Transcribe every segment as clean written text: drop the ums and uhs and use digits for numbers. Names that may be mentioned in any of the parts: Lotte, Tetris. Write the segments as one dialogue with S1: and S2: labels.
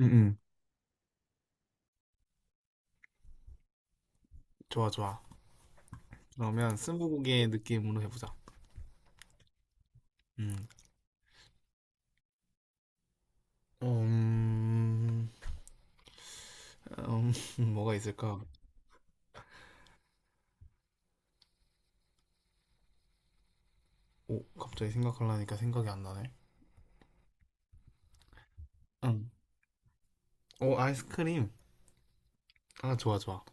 S1: 응응. 좋아, 좋아. 그러면 스무고개 느낌으로 해보자. 음, 어, 음, 음, 뭐가 있을까. 오, 갑자기 생각하려니까 생각이 안 나네. 응. 오, 아이스크림. 아, 좋아, 좋아.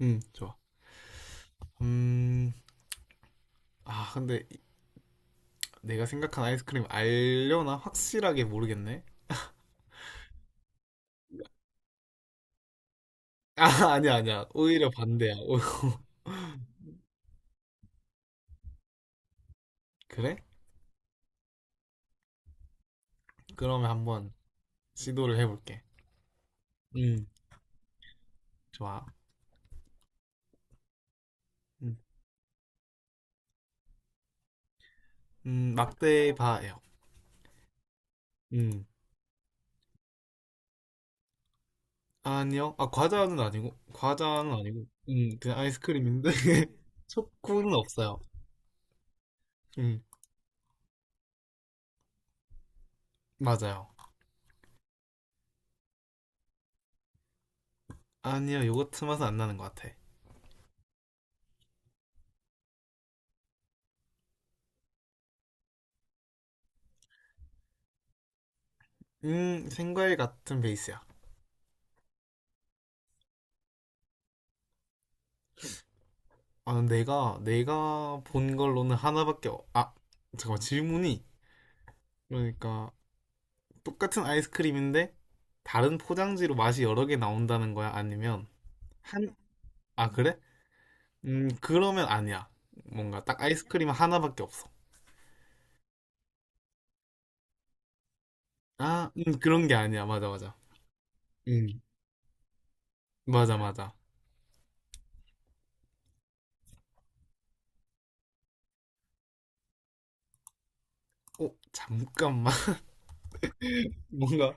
S1: 응, 좋아. 음 아, 근데 내가 생각한 아이스크림 알려나 확실하게 모르겠네. 아, 아니야, 아니야, 오히려 반대야. 오, 그래. 그러면 한번 시도를 해볼게. 음 좋아. 음, 대떼 바예요. 음 아니요. 아, 과자는 아니고, 과자는 아니고, 그냥 아이스크림인데, 초코는 없어요. 음, 맞아요. 아니요, 요거트 맛은 안 나는 것 같아. 생과일 같은 베이스야. 아, 내가 본 걸로는 하나밖에, 아, 잠깐만, 질문이. 그러니까, 똑같은 아이스크림인데, 다른 포장지로 맛이 여러 개 나온다는 거야? 아니면, 한, 아, 그래? 그러면 아니야. 뭔가 딱 아이스크림 하나밖에 없어. 아, 그런 게 아니야. 맞아, 맞아. 음. 맞아, 맞아. 어, 잠깐만. 뭔가,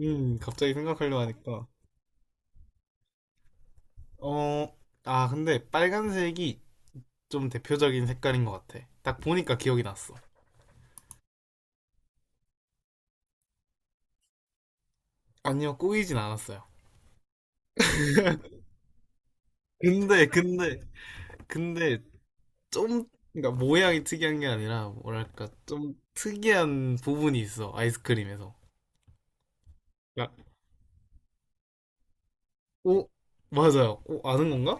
S1: 갑자기 생각하려고 하니까. 어, 아, 근데 빨간색이 좀 대표적인 색깔인 것 같아. 딱 보니까 기억이 났어. 아니요, 꼬이진 않았어요. 근데, 근데, 근데, 좀, 그러니까 모양이 특이한 게 아니라, 뭐랄까, 좀 특이한 부분이 있어, 아이스크림에서. 야, 오, 맞아요. 오, 아는 건가?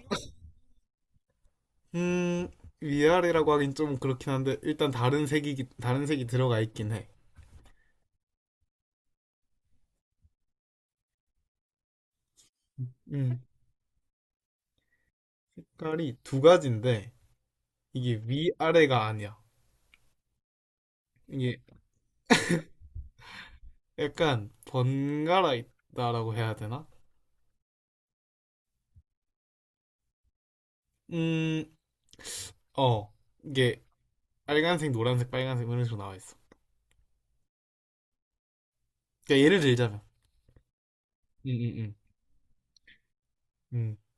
S1: 음, 위아래라고 하긴 좀 그렇긴 한데, 일단 다른 색이 들어가 있긴 해. 음. 색깔이 두 가지인데 이게 위아래가 아니야. 이게 약간 번갈아 있다라고 해야 되나? 음, 어. 이게 빨간색, 노란색, 빨간색 이런 식으로 나와 있어. 그러니까 예를 들자면 음, 음, 음.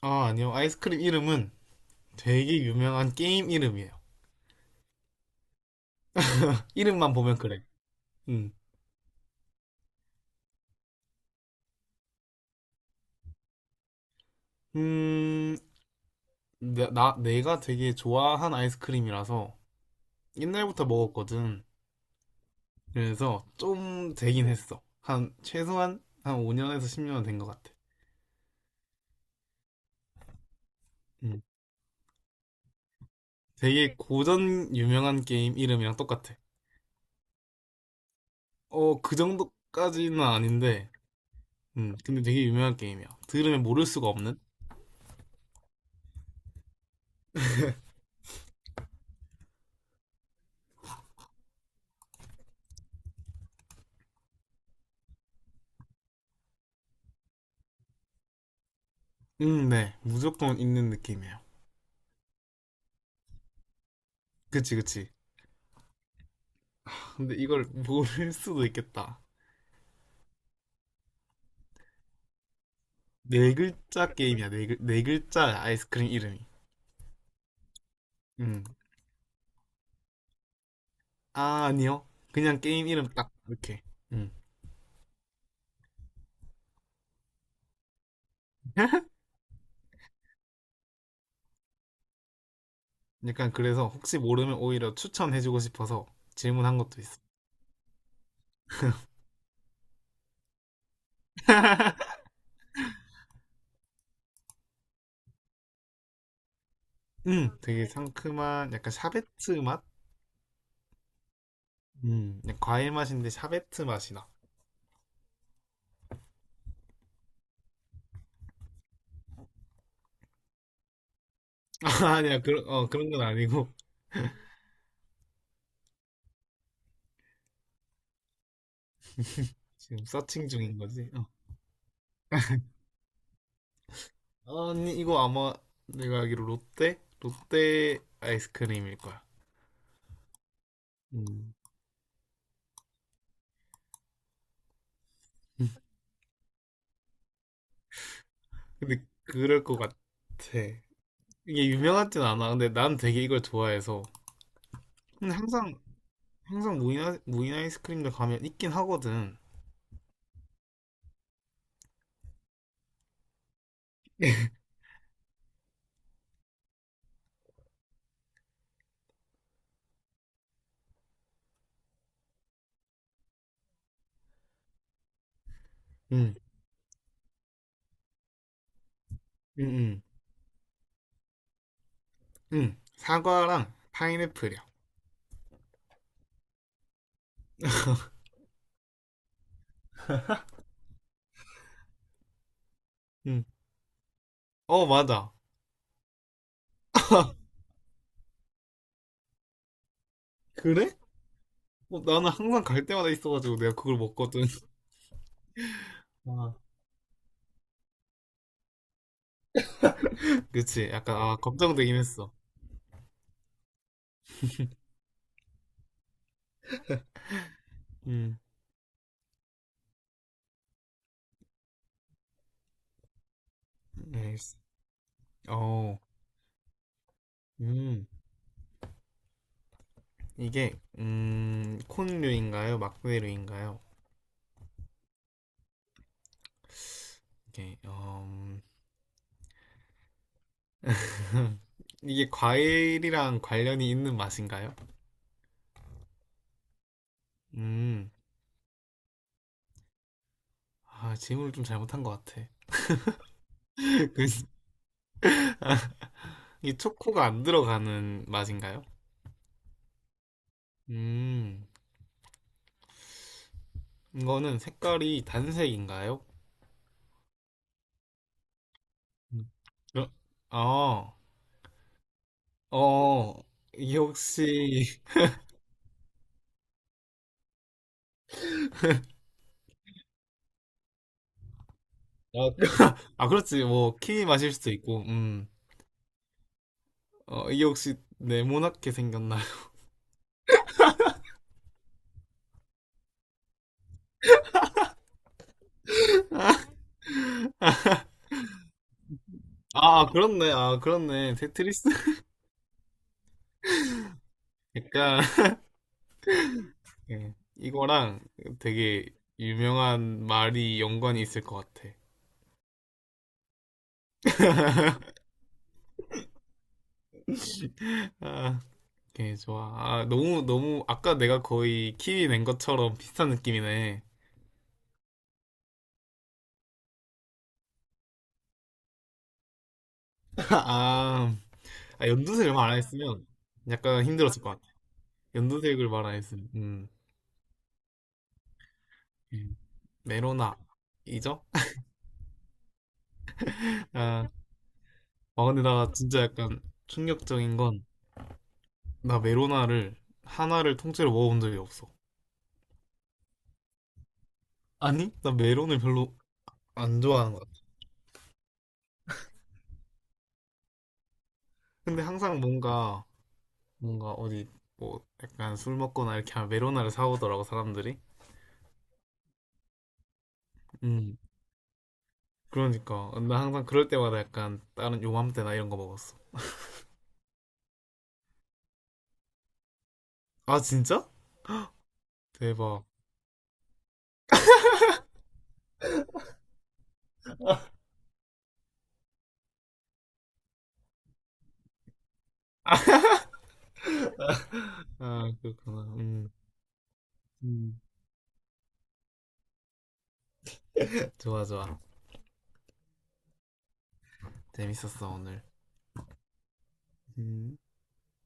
S1: 아, 아니요. 아이스크림 이름은 되게 유명한 게임 이름이에요. 이름만 보면 그래. 음. 음, 내가 되게 좋아한 아이스크림이라서 옛날부터 먹었거든. 그래서 좀 되긴 했어. 한 최소한 한 5년에서 10년은 된 것 같아. 음. 되게 고전 유명한 게임 이름이랑 똑같아. 어, 그 정도까지는 아닌데, 근데 되게 유명한 게임이야. 들으면 모를 수가 없는? 네. 무조건 있는 느낌이에요. 그치, 그치. 근데 이걸 모를 수도 있겠다. 네 글자 게임이야, 네 글자 아이스크림 이름이. 음, 아, 아니요. 그냥 게임 이름 딱, 이렇게. 음. 약간 그래서 혹시 모르면 오히려 추천해주고 싶어서 질문한 것도 있어. 되게 상큼한, 약간 샤베트 맛? 그냥 과일 맛인데 샤베트 맛이 나. 아, 니야 그런 건 아니고. 지금 서칭 중인 거지. 어. 아니, 이거 아마 내가 알기로 롯데? 롯데 아이스크림일 거야. 음. 근데 그럴 것 같아. 이게 유명하진 않아. 근데 난 되게 이걸 좋아해서. 근데 항상, 무인 아이스크림들 가면 있긴 하거든. 응, 응, 응, 응. 사과랑 파인애플이야. 응. 어, 맞아. 그래? 어, 나는 항상 갈 때마다 있어가지고 내가 그걸 먹거든. 아. 그치. 약간, 아, 걱정되긴 했어. 음. 알겠어. 어, 음. 이게, 콘류인가요? 막대류인가요? 이게, 어, 음. 이게 과일이랑 관련이 있는 맛인가요? 음. 아, 질문을 좀 잘못한 것 같아. 그, 이 초코가 안 들어가는 맛인가요? 음. 이거는 색깔이 단색인가요? 음. 어, 아. 어, 이게 혹시, 아, 아, 그렇지, 뭐, 키위 마실 수도 있고, 어, 이게 혹시 네모나게 생겼나? 아, 그렇네, 아, 그렇네. 테트리스? 약간, 예. 이거랑 되게 유명한 말이 연관이 있을 것 같아. 아, 오케이, 좋아. 아, 너무, 너무, 아까 내가 거의 키위 낸 것처럼 비슷한 느낌이네. 아, 아, 연두색을 말 안 했으면 약간 힘들었을 것 같아. 연두색을 말 안 했으면, 메로나이죠? 아, 아, 근데 나 진짜 약간 충격적인 건 나 메로나를 하나를 통째로 먹어본 적이 없어. 아니? 나 메론을 별로 안 좋아하는 것 같아. 근데 항상 뭔가 어디 뭐 약간 술 먹거나 이렇게 하면 메로나를 사오더라고 사람들이. 음. 그러니까 나 항상 그럴 때마다 약간 다른 요맘때나 이런 거 먹었어. 아, 진짜? 대박. 아, 그렇구나. 음. 음. 좋아, 좋아. 재밌었어 오늘. 음.